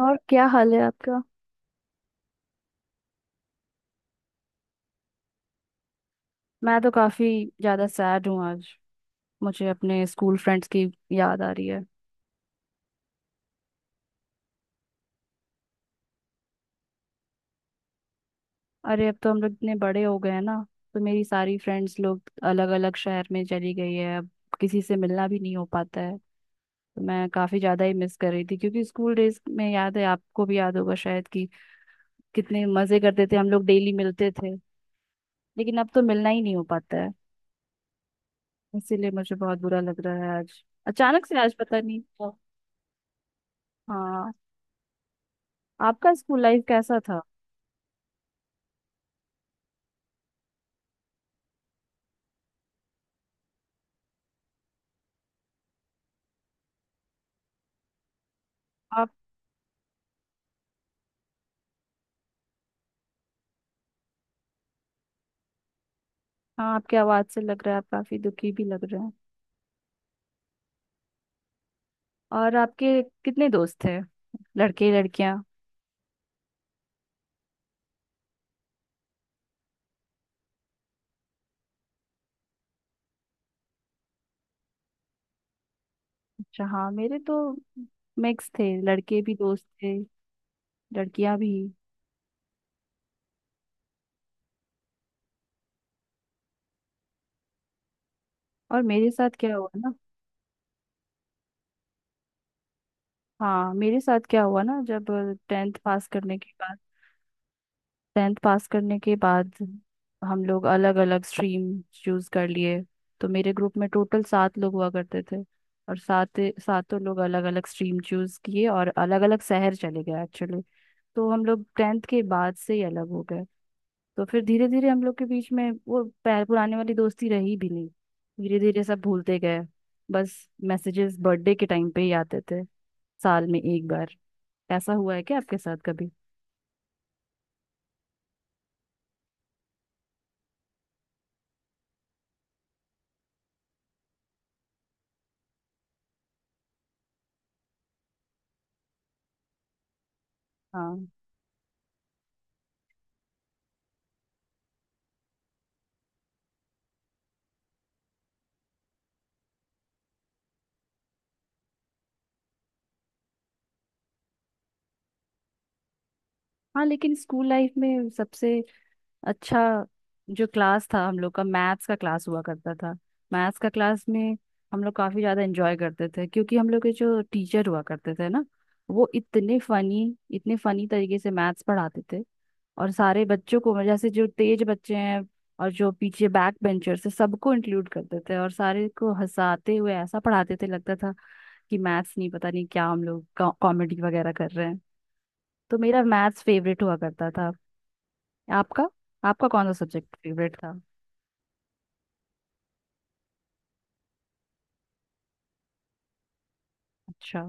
और क्या हाल है आपका। मैं तो काफी ज्यादा सैड हूँ आज। मुझे अपने स्कूल फ्रेंड्स की याद आ रही है। अरे अब तो हम लोग इतने बड़े हो गए हैं ना, तो मेरी सारी फ्रेंड्स लोग अलग अलग शहर में चली गई है अब। किसी से मिलना भी नहीं हो पाता है, तो मैं काफी ज्यादा ही मिस कर रही थी, क्योंकि स्कूल डेज में याद है, आपको भी याद होगा शायद कि कितने मजे करते थे हम लोग, डेली मिलते थे। लेकिन अब तो मिलना ही नहीं हो पाता है। इसीलिए मुझे बहुत बुरा लग रहा है आज, अचानक से आज पता नहीं। हाँ, आपका स्कूल लाइफ कैसा था। हाँ, आपकी आवाज से लग रहा है, आप काफी दुखी भी लग रहे हैं। और आपके कितने दोस्त थे, लड़के लड़कियां। अच्छा, हाँ मेरे तो मिक्स थे, लड़के भी दोस्त थे, लड़कियां भी। और मेरे साथ क्या हुआ ना। हाँ, मेरे साथ क्या हुआ ना, जब टेंथ पास करने के बाद टेंथ पास करने के बाद हम लोग अलग अलग स्ट्रीम चूज कर लिए। तो मेरे ग्रुप में टोटल सात लोग हुआ करते थे, और सातों लोग अलग अलग स्ट्रीम चूज किए और अलग अलग शहर चले गए एक्चुअली। तो हम लोग टेंथ के बाद से ही अलग हो गए। तो फिर धीरे धीरे हम लोग के बीच में वो पुराने वाली दोस्ती रही भी नहीं। धीरे धीरे सब भूलते गए। बस मैसेजेस बर्थडे के टाइम पे ही आते थे, साल में एक बार। ऐसा हुआ है क्या आपके साथ कभी। हाँ हाँ। लेकिन स्कूल लाइफ में सबसे अच्छा जो क्लास था हम लोग का, मैथ्स का क्लास हुआ करता था। मैथ्स का क्लास में हम लोग काफी ज्यादा एंजॉय करते थे, क्योंकि हम लोग के जो टीचर हुआ करते थे ना, वो इतने फनी तरीके से मैथ्स पढ़ाते थे। और सारे बच्चों को, जैसे जो तेज बच्चे हैं और जो पीछे बैक बेंचर्स है, सबको इंक्लूड करते थे, और सारे को हंसाते हुए ऐसा पढ़ाते थे, लगता था कि मैथ्स नहीं, पता नहीं क्या, हम लोग कॉमेडी वगैरह कर रहे हैं। तो मेरा मैथ्स फेवरेट हुआ करता था। आपका आपका कौन सा सब्जेक्ट फेवरेट था। अच्छा,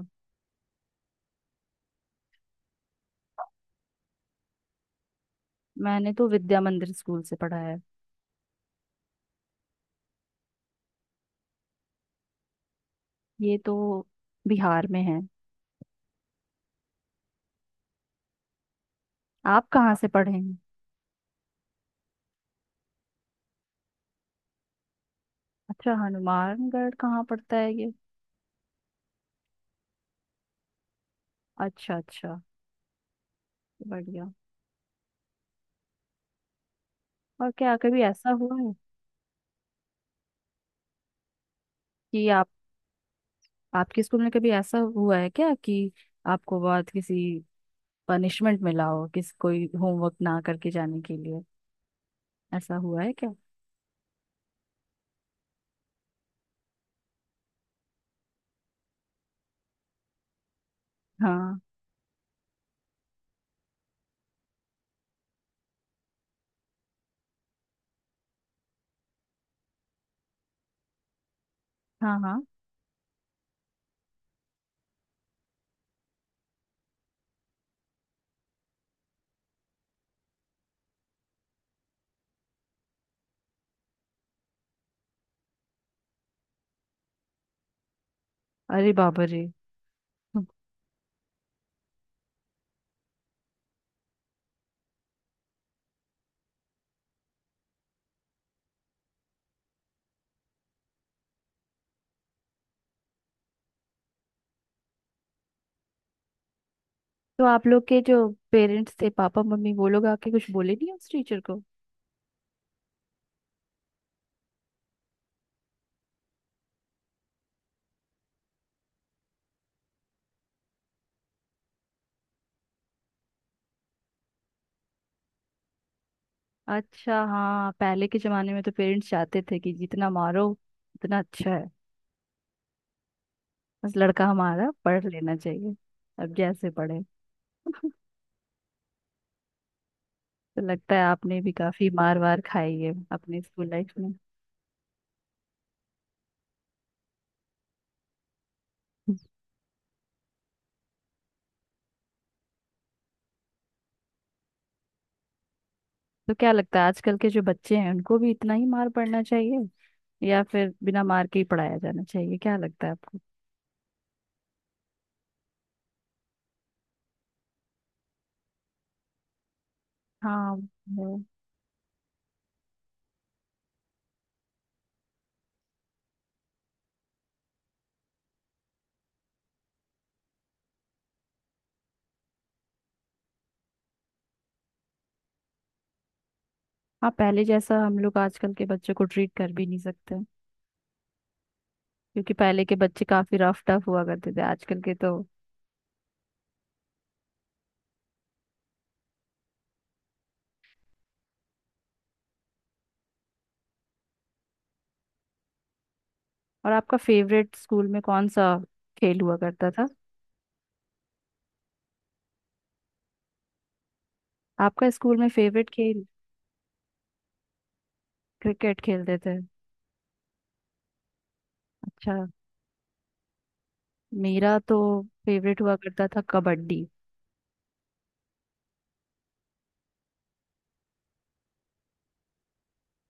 मैंने तो विद्या मंदिर स्कूल से पढ़ा है। ये तो बिहार में है। आप कहाँ से पढ़े हैं। अच्छा, हनुमानगढ़ कहाँ पड़ता है ये। अच्छा अच्छा, बढ़िया। और क्या कभी ऐसा हुआ है कि आप, आपके स्कूल में कभी ऐसा हुआ है क्या कि आपको बहुत किसी पनिशमेंट मिला हो, किस कोई होमवर्क ना करके जाने के लिए। ऐसा हुआ है क्या। हाँ हाँ हाँ। अरे बाबा रे। तो आप लोग के जो पेरेंट्स थे, पापा मम्मी, वो लोग आके कुछ बोले नहीं उस टीचर को। अच्छा, हाँ पहले के जमाने में तो पेरेंट्स चाहते थे कि जितना मारो उतना अच्छा है। बस लड़का हमारा पढ़ लेना चाहिए, अब जैसे पढ़े। तो लगता है आपने भी काफी मार वार खाई है अपने स्कूल लाइफ में। तो क्या लगता है, आजकल के जो बच्चे हैं उनको भी इतना ही मार पड़ना चाहिए, या फिर बिना मार के ही पढ़ाया जाना चाहिए, क्या लगता है आपको। हाँ, वो- हाँ पहले जैसा हम लोग आजकल के बच्चों को ट्रीट कर भी नहीं सकते, क्योंकि पहले के बच्चे काफी रफ टफ हुआ करते थे, आजकल के तो। और आपका फेवरेट स्कूल में कौन सा खेल हुआ करता था। आपका स्कूल में फेवरेट खेल, क्रिकेट खेलते थे। अच्छा, मेरा तो फेवरेट हुआ करता था कबड्डी।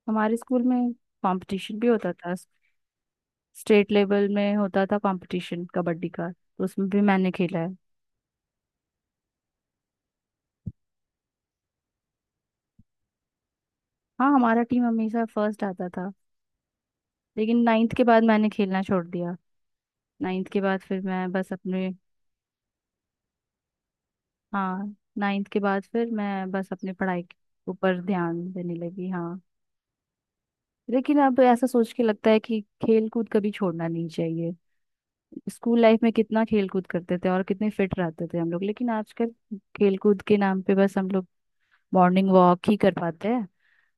हमारे स्कूल में कंपटीशन भी होता था। स्टेट लेवल में होता था कंपटीशन कबड्डी का, तो उसमें भी मैंने खेला है। हाँ, हमारा टीम हमेशा फर्स्ट आता था। लेकिन नाइन्थ के बाद मैंने खेलना छोड़ दिया। नाइन्थ के बाद फिर मैं बस अपने, हाँ नाइन्थ के बाद फिर मैं बस अपनी पढ़ाई के ऊपर ध्यान देने लगी। हाँ, लेकिन अब ऐसा सोच के लगता है कि खेल कूद कभी छोड़ना नहीं चाहिए। स्कूल लाइफ में कितना खेल कूद करते थे और कितने फिट रहते थे हम लोग, लेकिन आजकल खेल कूद के नाम पे बस हम लोग मॉर्निंग वॉक ही कर पाते हैं।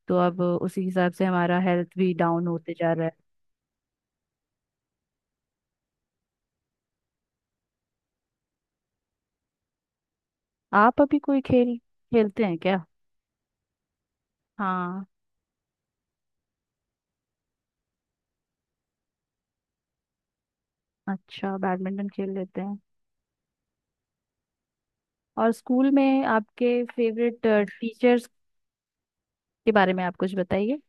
तो अब उसी हिसाब से हमारा हेल्थ भी डाउन होते जा रहा है। आप अभी कोई खेल खेलते हैं क्या। हाँ, अच्छा, बैडमिंटन खेल लेते हैं। और स्कूल में आपके फेवरेट टीचर्स के बारे में आप कुछ बताइए।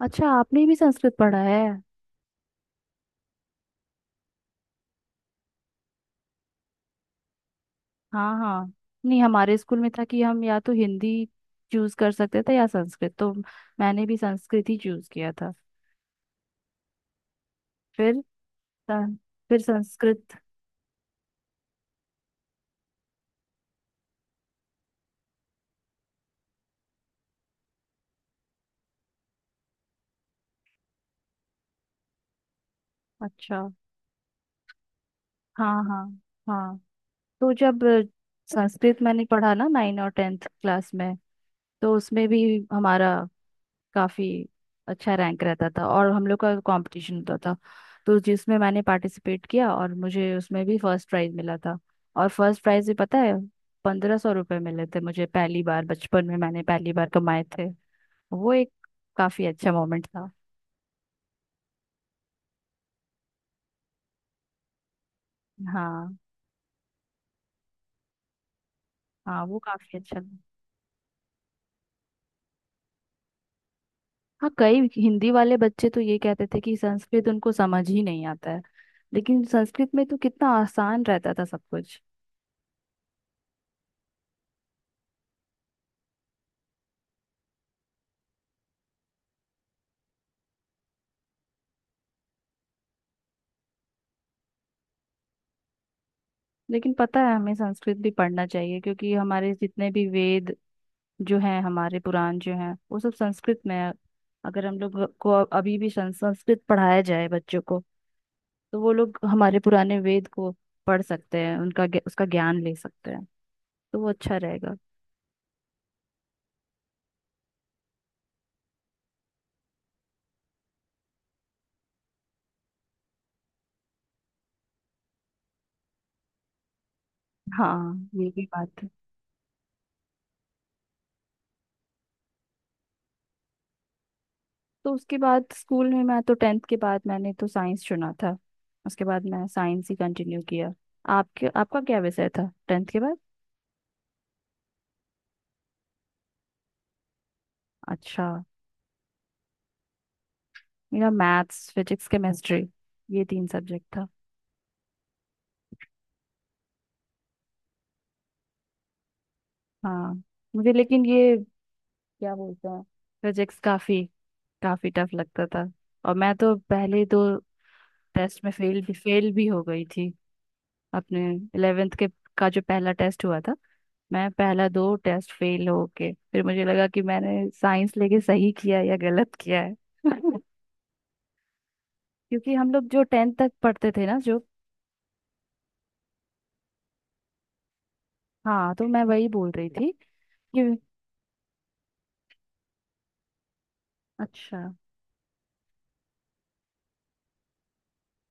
अच्छा, आपने भी संस्कृत पढ़ा है। हाँ हाँ, नहीं हमारे स्कूल में था कि हम या तो हिंदी चूज कर सकते थे या संस्कृत, तो मैंने भी संस्कृत ही चूज किया था। फिर सं- फिर संस्कृत। अच्छा, हाँ हाँ हाँ। तो जब संस्कृत मैंने पढ़ा ना नाइन और टेंथ क्लास में, तो उसमें भी हमारा काफी अच्छा रैंक रहता था, और हम लोग का कंपटीशन होता था, तो जिसमें मैंने पार्टिसिपेट किया और मुझे उसमें भी फर्स्ट प्राइज मिला था। और फर्स्ट प्राइज भी पता है, 1500 रुपये मिले थे मुझे। पहली बार बचपन में मैंने पहली बार कमाए थे, वो एक काफी अच्छा मोमेंट था। हाँ, हाँ वो काफी अच्छा था। हाँ कई हिंदी वाले बच्चे तो ये कहते थे कि संस्कृत उनको समझ ही नहीं आता है, लेकिन संस्कृत में तो कितना आसान रहता था सब कुछ। लेकिन पता है, हमें संस्कृत भी पढ़ना चाहिए, क्योंकि हमारे जितने भी वेद जो हैं, हमारे पुराण जो हैं, वो सब संस्कृत में है। अगर हम लोग को अभी भी संस्कृत पढ़ाया जाए बच्चों को, तो वो लोग हमारे पुराने वेद को पढ़ सकते हैं, उनका उसका ज्ञान ले सकते हैं, तो वो अच्छा रहेगा। हाँ, ये भी बात है। तो उसके बाद स्कूल में, मैं तो टेंथ के बाद मैंने तो साइंस चुना था, उसके बाद मैं साइंस ही कंटिन्यू किया। आपके आपका क्या विषय था टेंथ के बाद। अच्छा, मेरा मैथ्स फिजिक्स केमिस्ट्री, ये तीन सब्जेक्ट था। हाँ, मुझे लेकिन ये, क्या बोलते हैं, फिजिक्स काफी काफी टफ लगता था, और मैं तो पहले दो टेस्ट में फेल भी हो गई थी, अपने इलेवेंथ के का जो पहला टेस्ट हुआ था। मैं पहला दो टेस्ट फेल हो के फिर मुझे लगा कि मैंने साइंस लेके सही किया है या गलत किया है क्योंकि हम लोग जो टेंथ तक पढ़ते थे ना जो, हाँ तो मैं वही बोल रही थी कि, अच्छा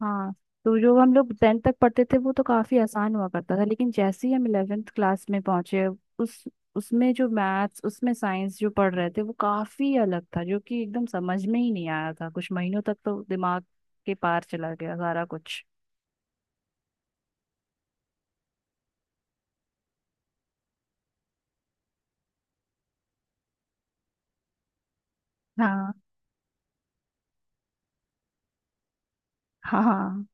हाँ, तो जो हम लोग टेंथ तक पढ़ते थे वो तो काफी आसान हुआ करता था, लेकिन जैसे ही हम इलेवेंथ क्लास में पहुंचे, उस उसमें जो मैथ्स, उसमें साइंस जो पढ़ रहे थे वो काफी अलग था, जो कि एकदम समझ में ही नहीं आया था कुछ महीनों तक, तो दिमाग के पार चला गया सारा कुछ। हाँ हाँ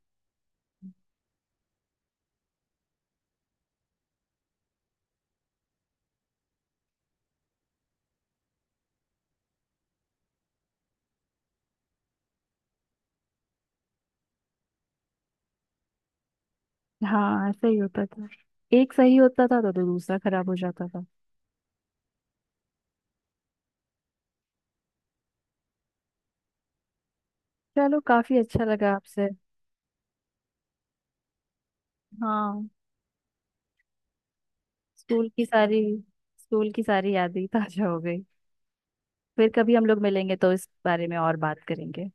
हाँ, ऐसा ही होता था। एक सही होता था तो दूसरा खराब हो जाता था। चलो, काफी अच्छा लगा आपसे। हाँ, स्कूल की सारी स्कूल की सारी यादें ताजा हो गई। फिर कभी हम लोग मिलेंगे तो इस बारे में और बात करेंगे।